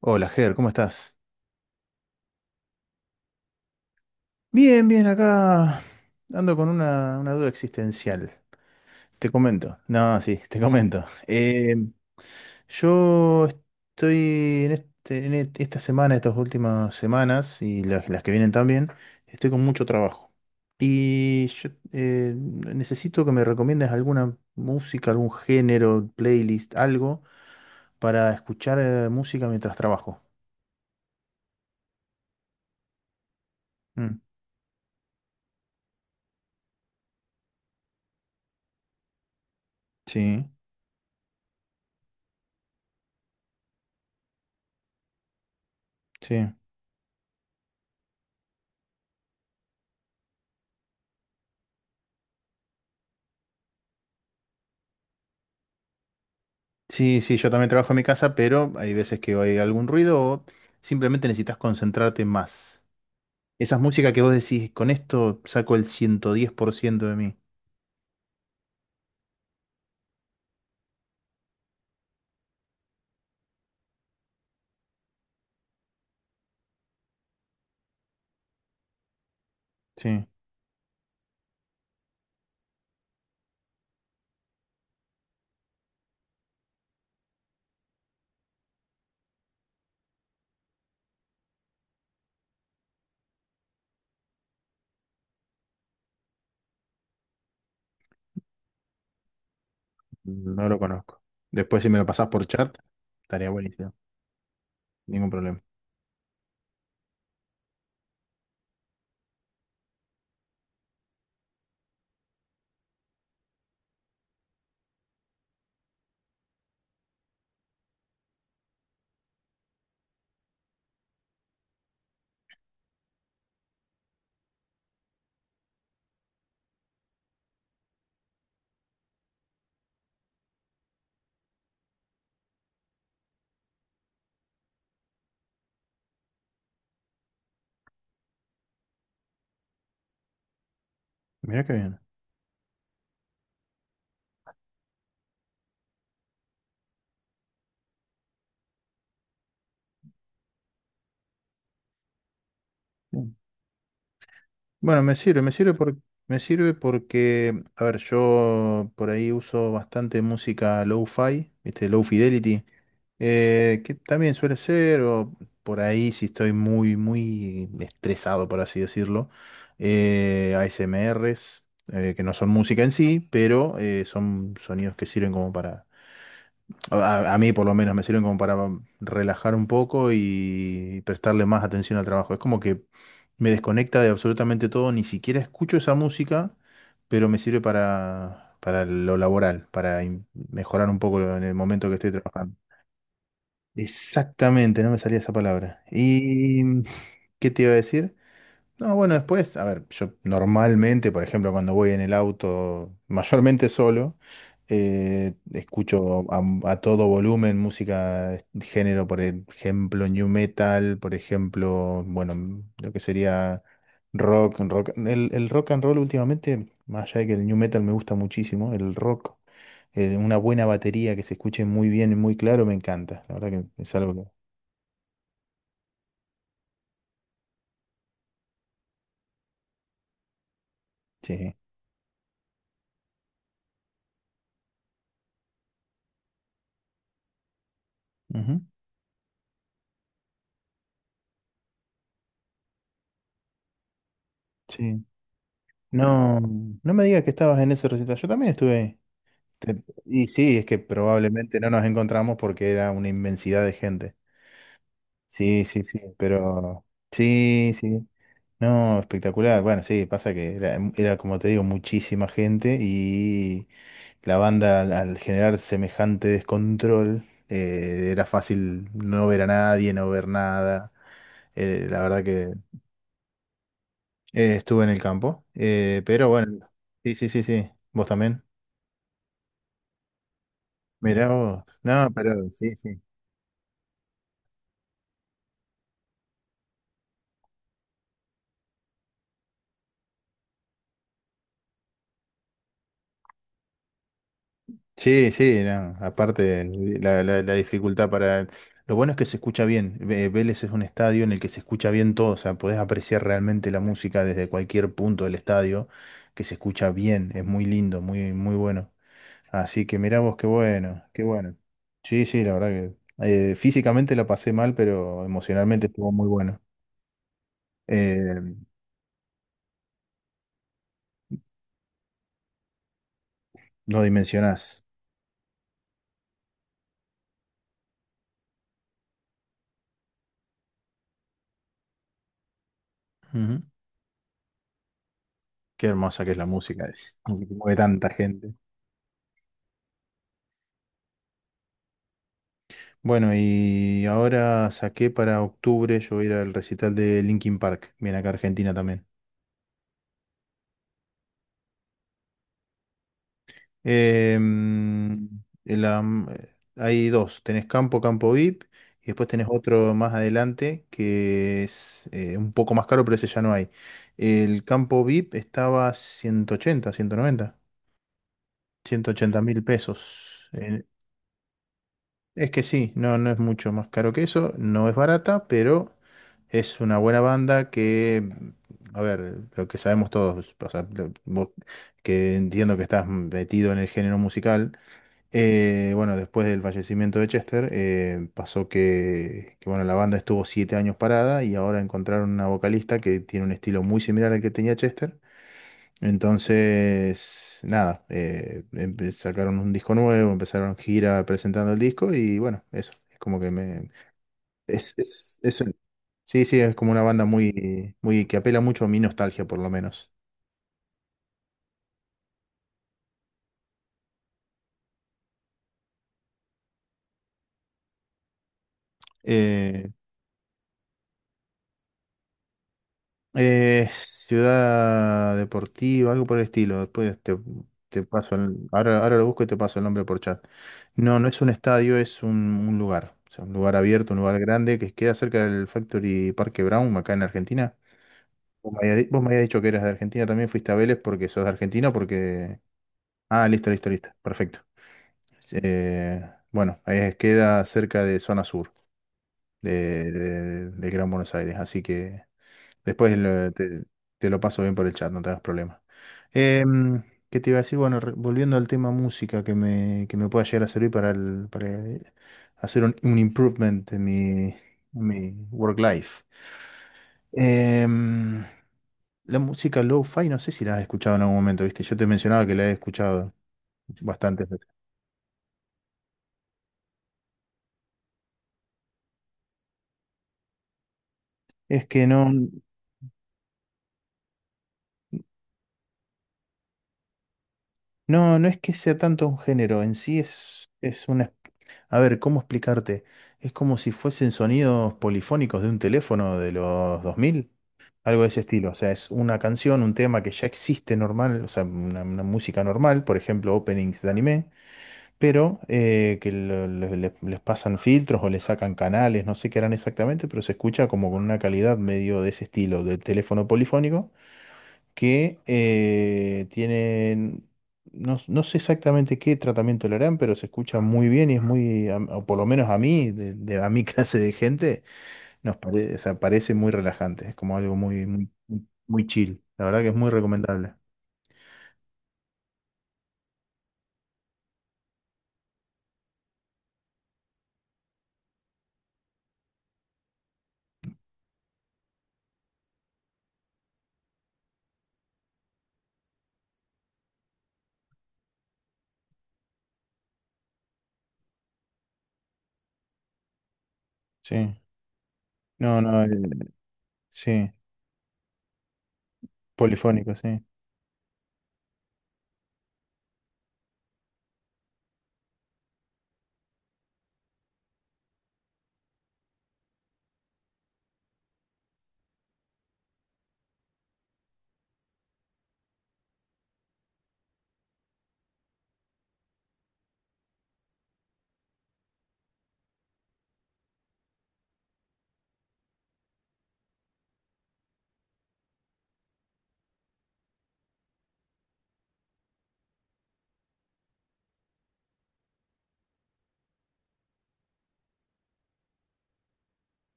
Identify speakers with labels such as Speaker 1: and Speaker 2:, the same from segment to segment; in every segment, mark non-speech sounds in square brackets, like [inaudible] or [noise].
Speaker 1: Hola, Ger, ¿cómo estás? Bien, bien, acá ando con una duda existencial. Te comento. No, sí, [laughs] te comento. Yo estoy en esta semana, estas últimas semanas y las que vienen también, estoy con mucho trabajo. Y yo necesito que me recomiendes alguna música, algún género, playlist, algo para escuchar música mientras trabajo. Mm, sí, sí. Sí, sí, yo también trabajo en mi casa, pero hay veces que hay algún ruido o simplemente necesitas concentrarte más. Esas músicas que vos decís, con esto saco el 110% de mí. Sí, no lo conozco. Después si me lo pasás por chat, estaría buenísimo. Ningún problema. Mirá qué bien. Bueno, me sirve, me sirve porque, a ver, yo por ahí uso bastante música low-fi, ¿viste? Low fidelity, que también suele ser, o por ahí si estoy muy, muy estresado, por así decirlo, ASMRs, que no son música en sí, pero son sonidos que sirven como para a mí por lo menos me sirven como para relajar un poco y prestarle más atención al trabajo. Es como que me desconecta de absolutamente todo, ni siquiera escucho esa música, pero me sirve para lo laboral, mejorar un poco en el momento que estoy trabajando. Exactamente, no me salía esa palabra. ¿Y qué te iba a decir? No, bueno, después, a ver, yo normalmente, por ejemplo, cuando voy en el auto, mayormente solo, escucho a todo volumen música de género, por ejemplo, new metal, por ejemplo, bueno, lo que sería rock, rock, el rock and roll últimamente, más allá de que el new metal me gusta muchísimo, el rock, una buena batería que se escuche muy bien y muy claro, me encanta. La verdad que es algo que... Sí. Ujú, sí. No, no me digas que estabas en ese recital. Yo también estuve ahí. Y sí, es que probablemente no nos encontramos porque era una inmensidad de gente. Sí, sí, sí, pero sí, sí. No, espectacular. Bueno, sí, pasa que era, era, como te digo, muchísima gente y la banda al generar semejante descontrol, era fácil no ver a nadie, no ver nada. La verdad que estuve en el campo. Pero bueno, sí, sí, sí, sí. ¿Vos también? Mirá vos. No, pero sí, sí. Sí, sí, no. Aparte, la dificultad para... Lo bueno es que se escucha bien. Vélez es un estadio en el que se escucha bien todo. O sea, podés apreciar realmente la música desde cualquier punto del estadio, que se escucha bien. Es muy lindo, muy, muy bueno. Así que mirá vos, qué bueno, qué bueno. Sí, sí, la verdad que... físicamente la pasé mal, pero emocionalmente estuvo muy bueno. Eh, no dimensionás. Ujú. Qué hermosa que es la música, es. Que mueve tanta gente. Bueno, y ahora saqué para octubre, yo voy a ir al recital de Linkin Park, viene acá a Argentina también. Em, el hay dos, tenés Campo, Campo VIP, y después tenés otro más adelante que es un poco más caro, pero ese ya no hay. El Campo VIP estaba ciento ciento ochenta ciento noventa 180.000 pesos. Es que sí, no, no es mucho más caro que eso, no es barata, pero es una buena banda que, mm, a ver, lo que sabemos todos, o sea, vos que entiendo que estás metido en el género musical, bueno, después del fallecimiento de Chester, pasó bueno, la banda estuvo 7 años parada y ahora encontraron una vocalista que tiene un estilo muy similar al que tenía Chester entonces, nada, sacaron un disco nuevo, empezaron gira presentando el disco y bueno, eso, es como que me... Es, es, es un- sí, sí, es como una banda muy, muy que apela mucho a mi nostalgia por lo menos. Eh, Ciudad Deportiva, algo por el estilo, ahora, ahora lo busco y te paso el nombre por chat. No, no es un estadio, es un lugar, o sea, un lugar abierto, un lugar grande que queda cerca del Factory Parque Brown, acá en Argentina. Vos me habías dicho que eras de Argentina, también fuiste a Vélez porque sos de Argentina, porque... Ah, listo, listo, listo, perfecto. Eh, bueno, queda cerca de zona sur de Gran Buenos Aires, así que Después lo- te, te lo paso bien por el chat, no te hagas problema. Em, ¿qué te iba a decir? Bueno, volviendo al tema música que me pueda llegar a servir para, para hacer un improvement en mi work life. Em, la música lo-fi, no sé si la has escuchado en algún momento, ¿viste? Yo te mencionaba que la he escuchado bastantes veces. Es que no, no, no es que sea tanto un género, en sí es una. A ver, ¿cómo explicarte? Es como si fuesen sonidos polifónicos de un teléfono de los 2000, algo de ese estilo. O sea, es una canción, un tema que ya existe normal, o sea, una música normal, por ejemplo, openings de anime, pero que lo- le- les pasan filtros o le sacan canales, no sé qué harán exactamente, pero se escucha como con una calidad medio de ese estilo, del teléfono polifónico que tienen, no, no sé exactamente qué tratamiento le harán, pero se escucha muy bien y es muy, o por lo menos a mí, a mi [laughs] clase de gente, nos parece, o sea, parece muy relajante, es como algo muy, muy, muy chill. La verdad que es muy recomendable. Sí. No, no, sí, polifónico, sí.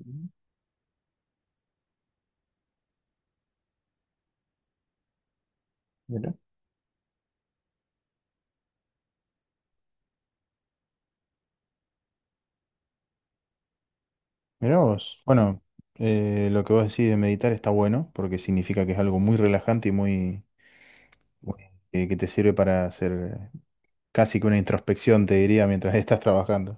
Speaker 1: Ujú. Mirá. Mirá vos. Bueno, lo que vos decís de meditar está bueno, porque significa que es algo muy relajante y muy, que te sirve para hacer. Casi que una introspección, te diría, mientras estás trabajando.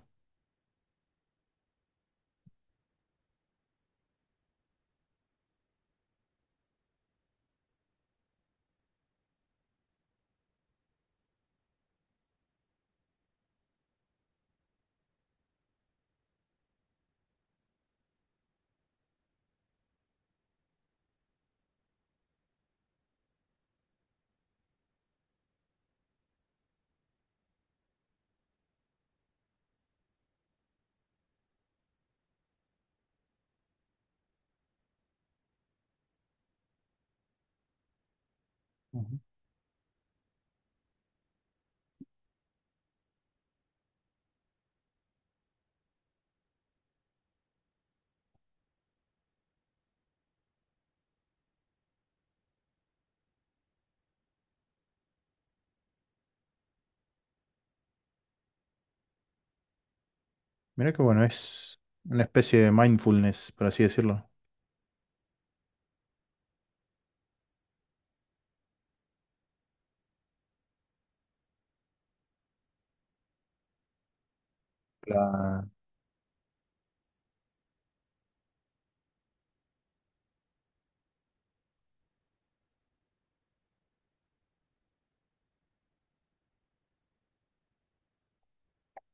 Speaker 1: Ujú. Mirá que bueno, es una especie de mindfulness, por así decirlo. Claro.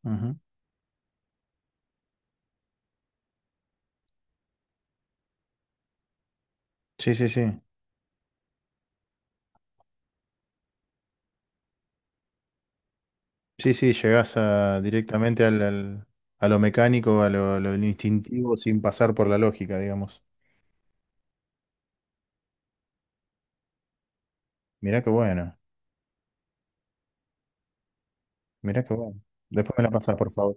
Speaker 1: Ujú. Sí, sí, sí. Sí, sí, llegás a, directamente al, a lo mecánico, a lo instintivo, sin pasar por la lógica, digamos. Mirá qué bueno, mirá qué bueno. Después me la pasás, por favor.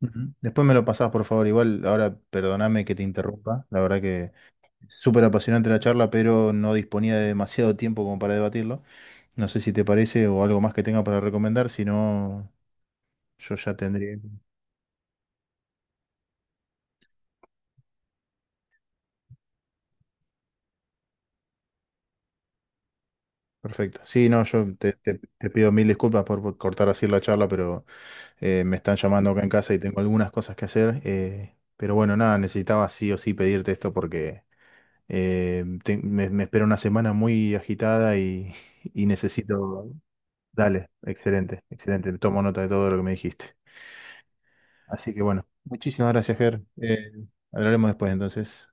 Speaker 1: Ujú. Después me lo pasás, por favor. Igual, ahora perdoname que te interrumpa. La verdad que súper apasionante la charla, pero no disponía de demasiado tiempo como para debatirlo. No sé si te parece o algo más que tenga para recomendar, si no, yo ya tendría. Perfecto. Sí, no, yo te pido mil disculpas por cortar así la charla, pero me están llamando acá en casa y tengo algunas cosas que hacer. Pero bueno, nada, necesitaba sí o sí pedirte esto porque me espera una semana muy agitada y, [laughs] y necesito... Dale, excelente, excelente. Tomo nota de todo lo que me dijiste. Así que bueno, muchísimas gracias, Ger. Hablaremos después entonces.